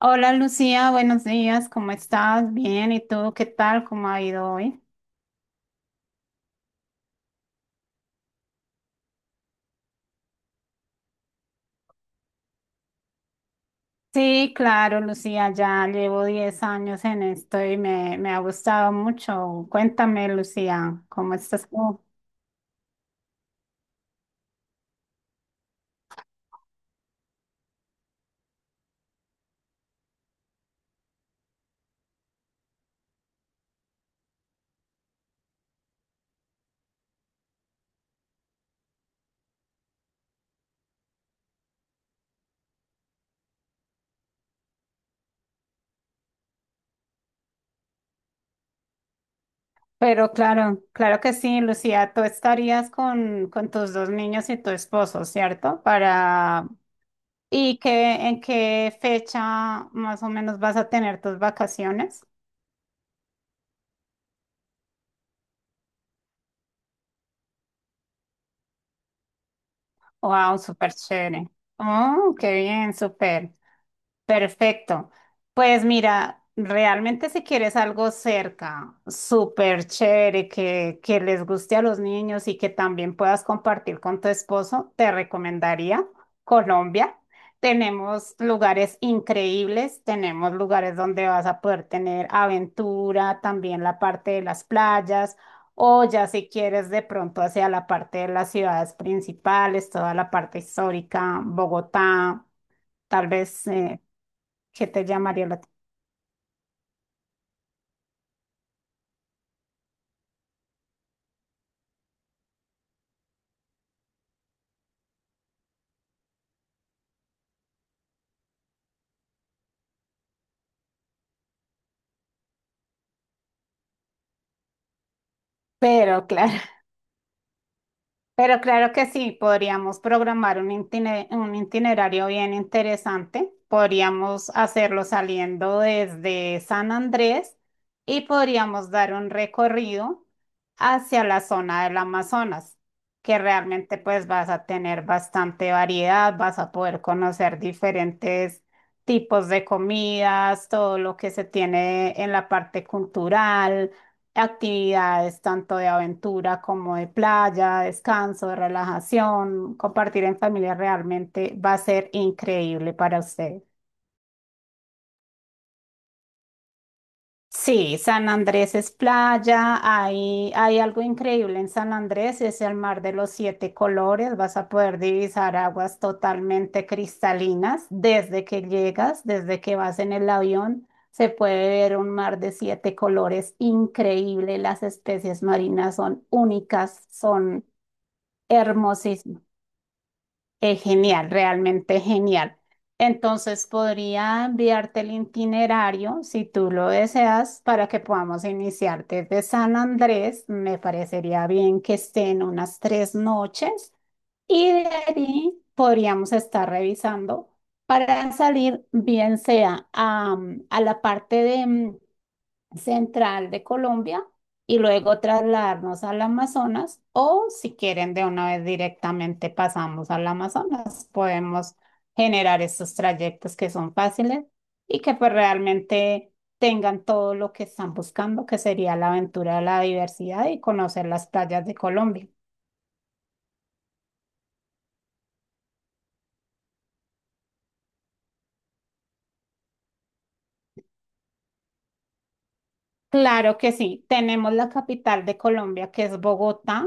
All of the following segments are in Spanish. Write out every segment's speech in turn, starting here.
Hola Lucía, buenos días, ¿cómo estás? Bien, ¿y tú qué tal? ¿Cómo ha ido hoy? Sí, claro, Lucía, ya llevo 10 años en esto y me ha gustado mucho. Cuéntame, Lucía, ¿cómo estás tú? Pero claro, claro que sí, Lucía, tú estarías con tus dos niños y tu esposo, ¿cierto? Para. ¿Y en qué fecha más o menos vas a tener tus vacaciones? Wow, súper chévere. Oh, qué bien, súper. Perfecto. Pues mira, realmente si quieres algo cerca, súper chévere, que les guste a los niños y que también puedas compartir con tu esposo, te recomendaría Colombia. Tenemos lugares increíbles, tenemos lugares donde vas a poder tener aventura, también la parte de las playas. O ya si quieres de pronto hacia la parte de las ciudades principales, toda la parte histórica, Bogotá, tal vez, ¿qué te llamaría la atención? Pero claro, pero claro que sí, podríamos programar un un itinerario bien interesante. Podríamos hacerlo saliendo desde San Andrés y podríamos dar un recorrido hacia la zona del Amazonas, que realmente pues vas a tener bastante variedad, vas a poder conocer diferentes tipos de comidas, todo lo que se tiene en la parte cultural, actividades tanto de aventura como de playa, descanso, de relajación, compartir en familia realmente va a ser increíble para usted. Sí, San Andrés es playa, hay algo increíble en San Andrés, es el mar de los siete colores, vas a poder divisar aguas totalmente cristalinas desde que llegas, desde que vas en el avión, se puede ver un mar de siete colores increíble, las especies marinas son únicas, son. Hermosísimo. Es genial, realmente genial. Entonces podría enviarte el itinerario si tú lo deseas para que podamos iniciar desde San Andrés. Me parecería bien que estén unas 3 noches y de ahí podríamos estar revisando para salir bien sea a la parte de, central de Colombia y luego trasladarnos al Amazonas o si quieren de una vez directamente pasamos al Amazonas. Podemos generar estos trayectos que son fáciles y que pues realmente tengan todo lo que están buscando, que sería la aventura de la diversidad y conocer las playas de Colombia. Claro que sí, tenemos la capital de Colombia, que es Bogotá.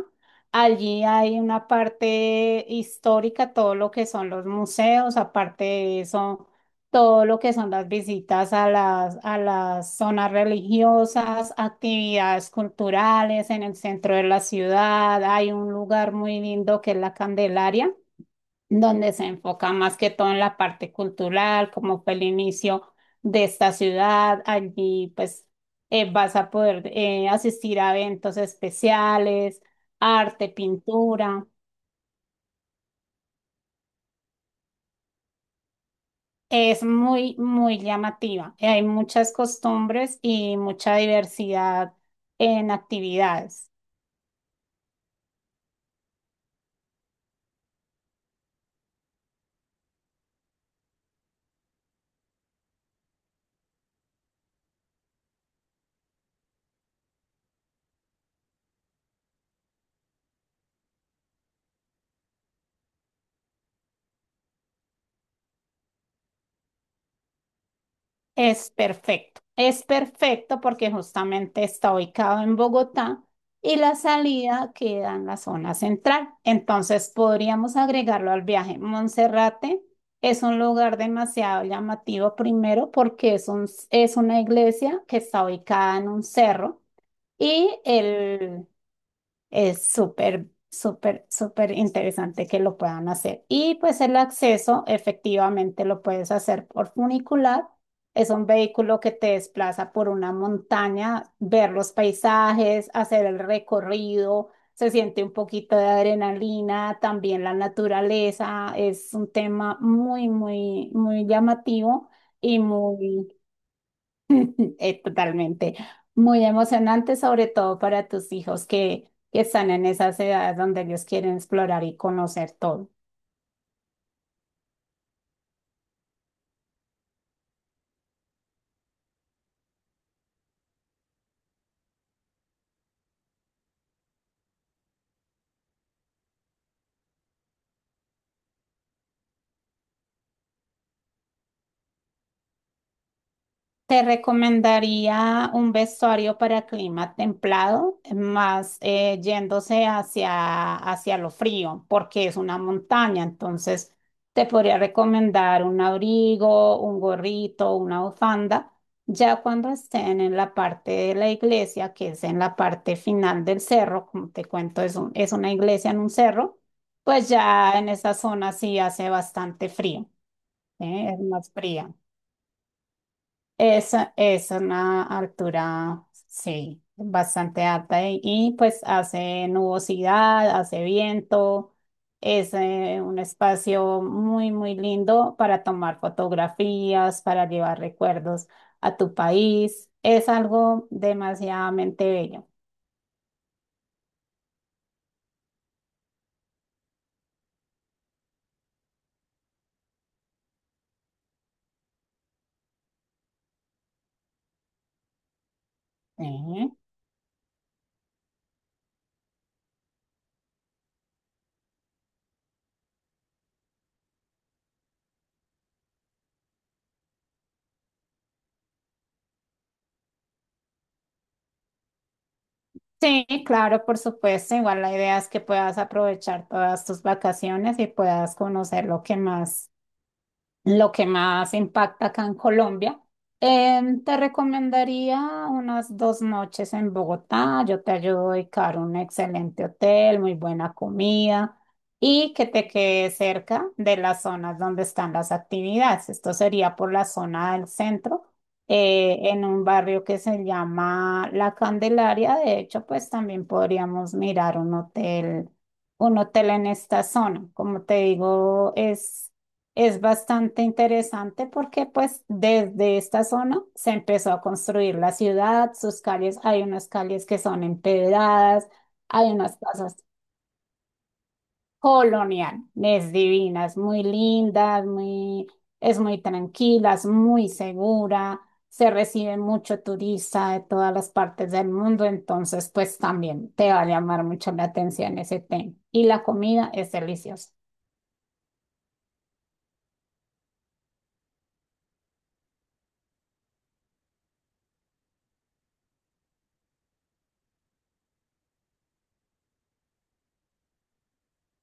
Allí hay una parte histórica, todo lo que son los museos, aparte de eso, todo lo que son las visitas a las zonas religiosas, actividades culturales en el centro de la ciudad. Hay un lugar muy lindo que es la Candelaria, donde se enfoca más que todo en la parte cultural, como fue el inicio de esta ciudad. Allí pues vas a poder asistir a eventos especiales, arte, pintura. Es muy, muy llamativa. Hay muchas costumbres y mucha diversidad en actividades. Es perfecto porque justamente está ubicado en Bogotá y la salida queda en la zona central. Entonces podríamos agregarlo al viaje. Monserrate es un lugar demasiado llamativo, primero porque es es una iglesia que está ubicada en un cerro y es súper, súper, súper interesante que lo puedan hacer. Y pues el acceso efectivamente lo puedes hacer por funicular. Es un vehículo que te desplaza por una montaña, ver los paisajes, hacer el recorrido, se siente un poquito de adrenalina, también la naturaleza. Es un tema muy, muy, muy llamativo y muy totalmente. Muy emocionante, sobre todo para tus hijos que están en esas edades donde ellos quieren explorar y conocer todo. Te recomendaría un vestuario para clima templado, más yéndose hacia lo frío, porque es una montaña. Entonces, te podría recomendar un abrigo, un gorrito, una bufanda. Ya cuando estén en la parte de la iglesia, que es en la parte final del cerro, como te cuento, es es una iglesia en un cerro, pues ya en esa zona sí hace bastante frío, ¿eh? Es más fría. Esa es una altura, sí, bastante alta y, pues hace nubosidad, hace viento, es un espacio muy, muy lindo para tomar fotografías, para llevar recuerdos a tu país. Es algo demasiadamente bello. Ujú. Sí, claro, por supuesto. Igual la idea es que puedas aprovechar todas tus vacaciones y puedas conocer lo que más impacta acá en Colombia. Te recomendaría unas 2 noches en Bogotá. Yo te ayudo a dedicar un excelente hotel, muy buena comida y que te quede cerca de las zonas donde están las actividades. Esto sería por la zona del centro, en un barrio que se llama La Candelaria. De hecho, pues también podríamos mirar un hotel en esta zona. Como te digo, es bastante interesante porque pues desde esta zona se empezó a construir la ciudad, sus calles, hay unas calles que son empedradas, hay unas casas coloniales divinas, muy lindas, muy, es muy tranquila, es muy segura, se recibe mucho turista de todas las partes del mundo, entonces pues también te va a llamar mucho la atención ese tema. Y la comida es deliciosa.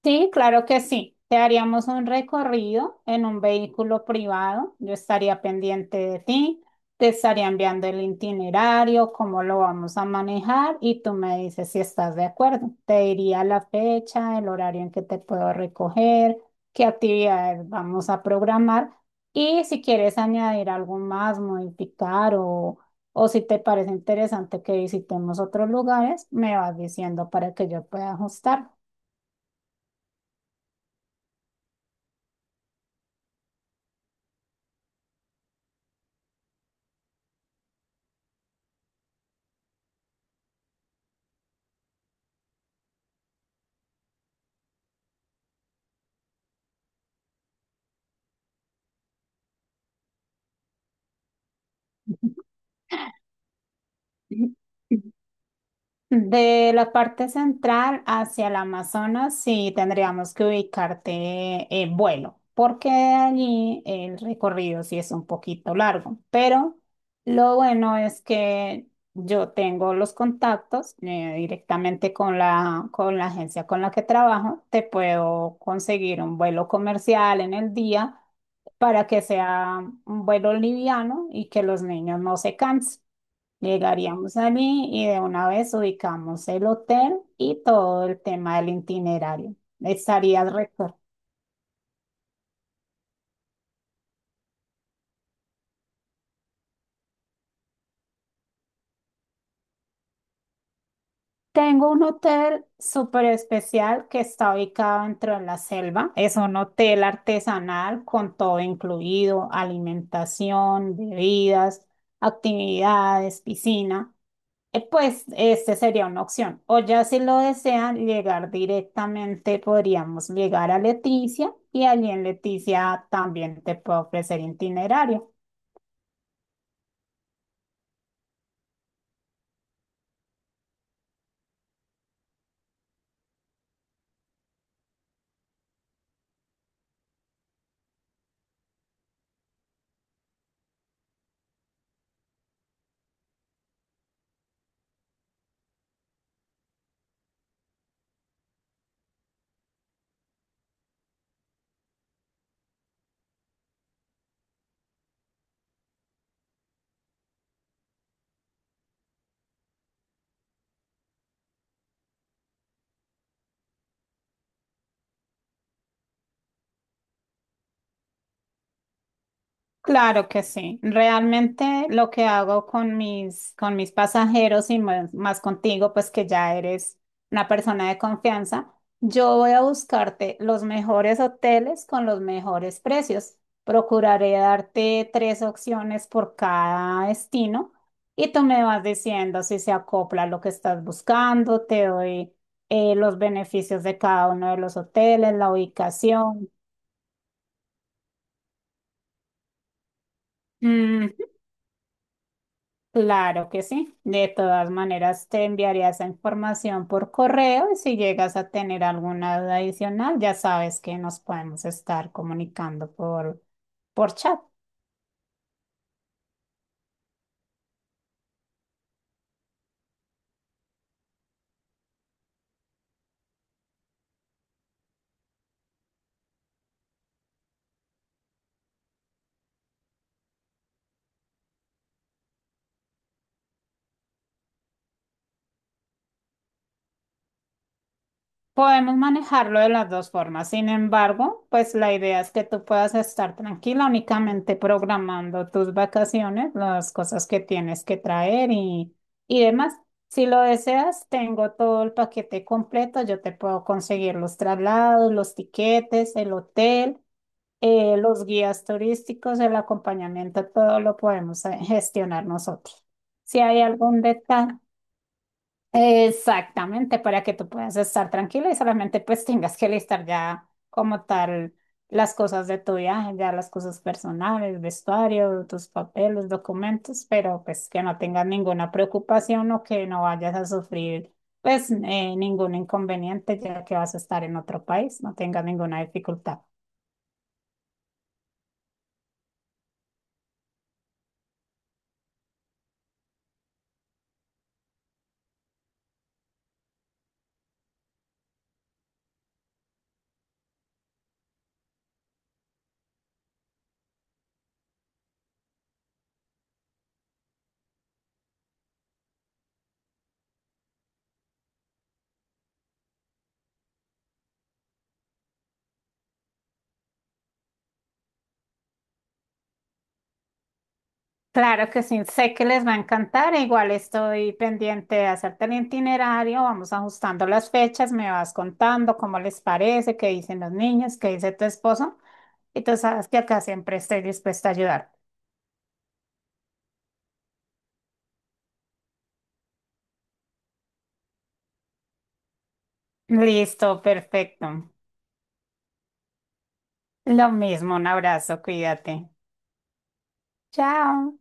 Sí, claro que sí. Te haríamos un recorrido en un vehículo privado. Yo estaría pendiente de ti, te estaría enviando el itinerario, cómo lo vamos a manejar y tú me dices si estás de acuerdo. Te diría la fecha, el horario en que te puedo recoger, qué actividades vamos a programar y si quieres añadir algo más, modificar o si te parece interesante que visitemos otros lugares, me vas diciendo para que yo pueda ajustar. De la parte central hacia el Amazonas, sí tendríamos que ubicarte en vuelo, porque allí el recorrido sí es un poquito largo, pero lo bueno es que yo tengo los contactos directamente con la agencia con la que trabajo, te puedo conseguir un vuelo comercial en el día para que sea un vuelo liviano y que los niños no se cansen. Llegaríamos allí y de una vez ubicamos el hotel y todo el tema del itinerario. Estarías récord. Tengo un hotel súper especial que está ubicado dentro de la selva. Es un hotel artesanal con todo incluido, alimentación, bebidas, actividades, piscina. Pues este sería una opción. O ya si lo desean llegar directamente, podríamos llegar a Leticia y allí en Leticia también te puedo ofrecer itinerario. Claro que sí. Realmente lo que hago con mis pasajeros y más, más contigo, pues que ya eres una persona de confianza, yo voy a buscarte los mejores hoteles con los mejores precios. Procuraré darte tres opciones por cada destino y tú me vas diciendo si se acopla a lo que estás buscando, te doy los beneficios de cada uno de los hoteles, la ubicación. Claro que sí. De todas maneras, te enviaré esa información por correo y si llegas a tener alguna duda adicional, ya sabes que nos podemos estar comunicando por chat. Podemos manejarlo de las dos formas. Sin embargo, pues la idea es que tú puedas estar tranquila únicamente programando tus vacaciones, las cosas que tienes que traer y demás. Si lo deseas, tengo todo el paquete completo. Yo te puedo conseguir los traslados, los tiquetes, el hotel, los guías turísticos, el acompañamiento, todo lo podemos gestionar nosotros. Si hay algún detalle. Exactamente, para que tú puedas estar tranquila y solamente pues tengas que listar ya como tal las cosas de tu viaje, ya las cosas personales, vestuario, tus papeles, documentos, pero pues que no tengas ninguna preocupación o que no vayas a sufrir pues ningún inconveniente, ya que vas a estar en otro país, no tengas ninguna dificultad. Claro que sí, sé que les va a encantar. Igual estoy pendiente de hacerte el itinerario. Vamos ajustando las fechas, me vas contando cómo les parece, qué dicen los niños, qué dice tu esposo. Y tú sabes que acá siempre estoy dispuesta a ayudar. Listo, perfecto. Lo mismo, un abrazo, cuídate. Chao.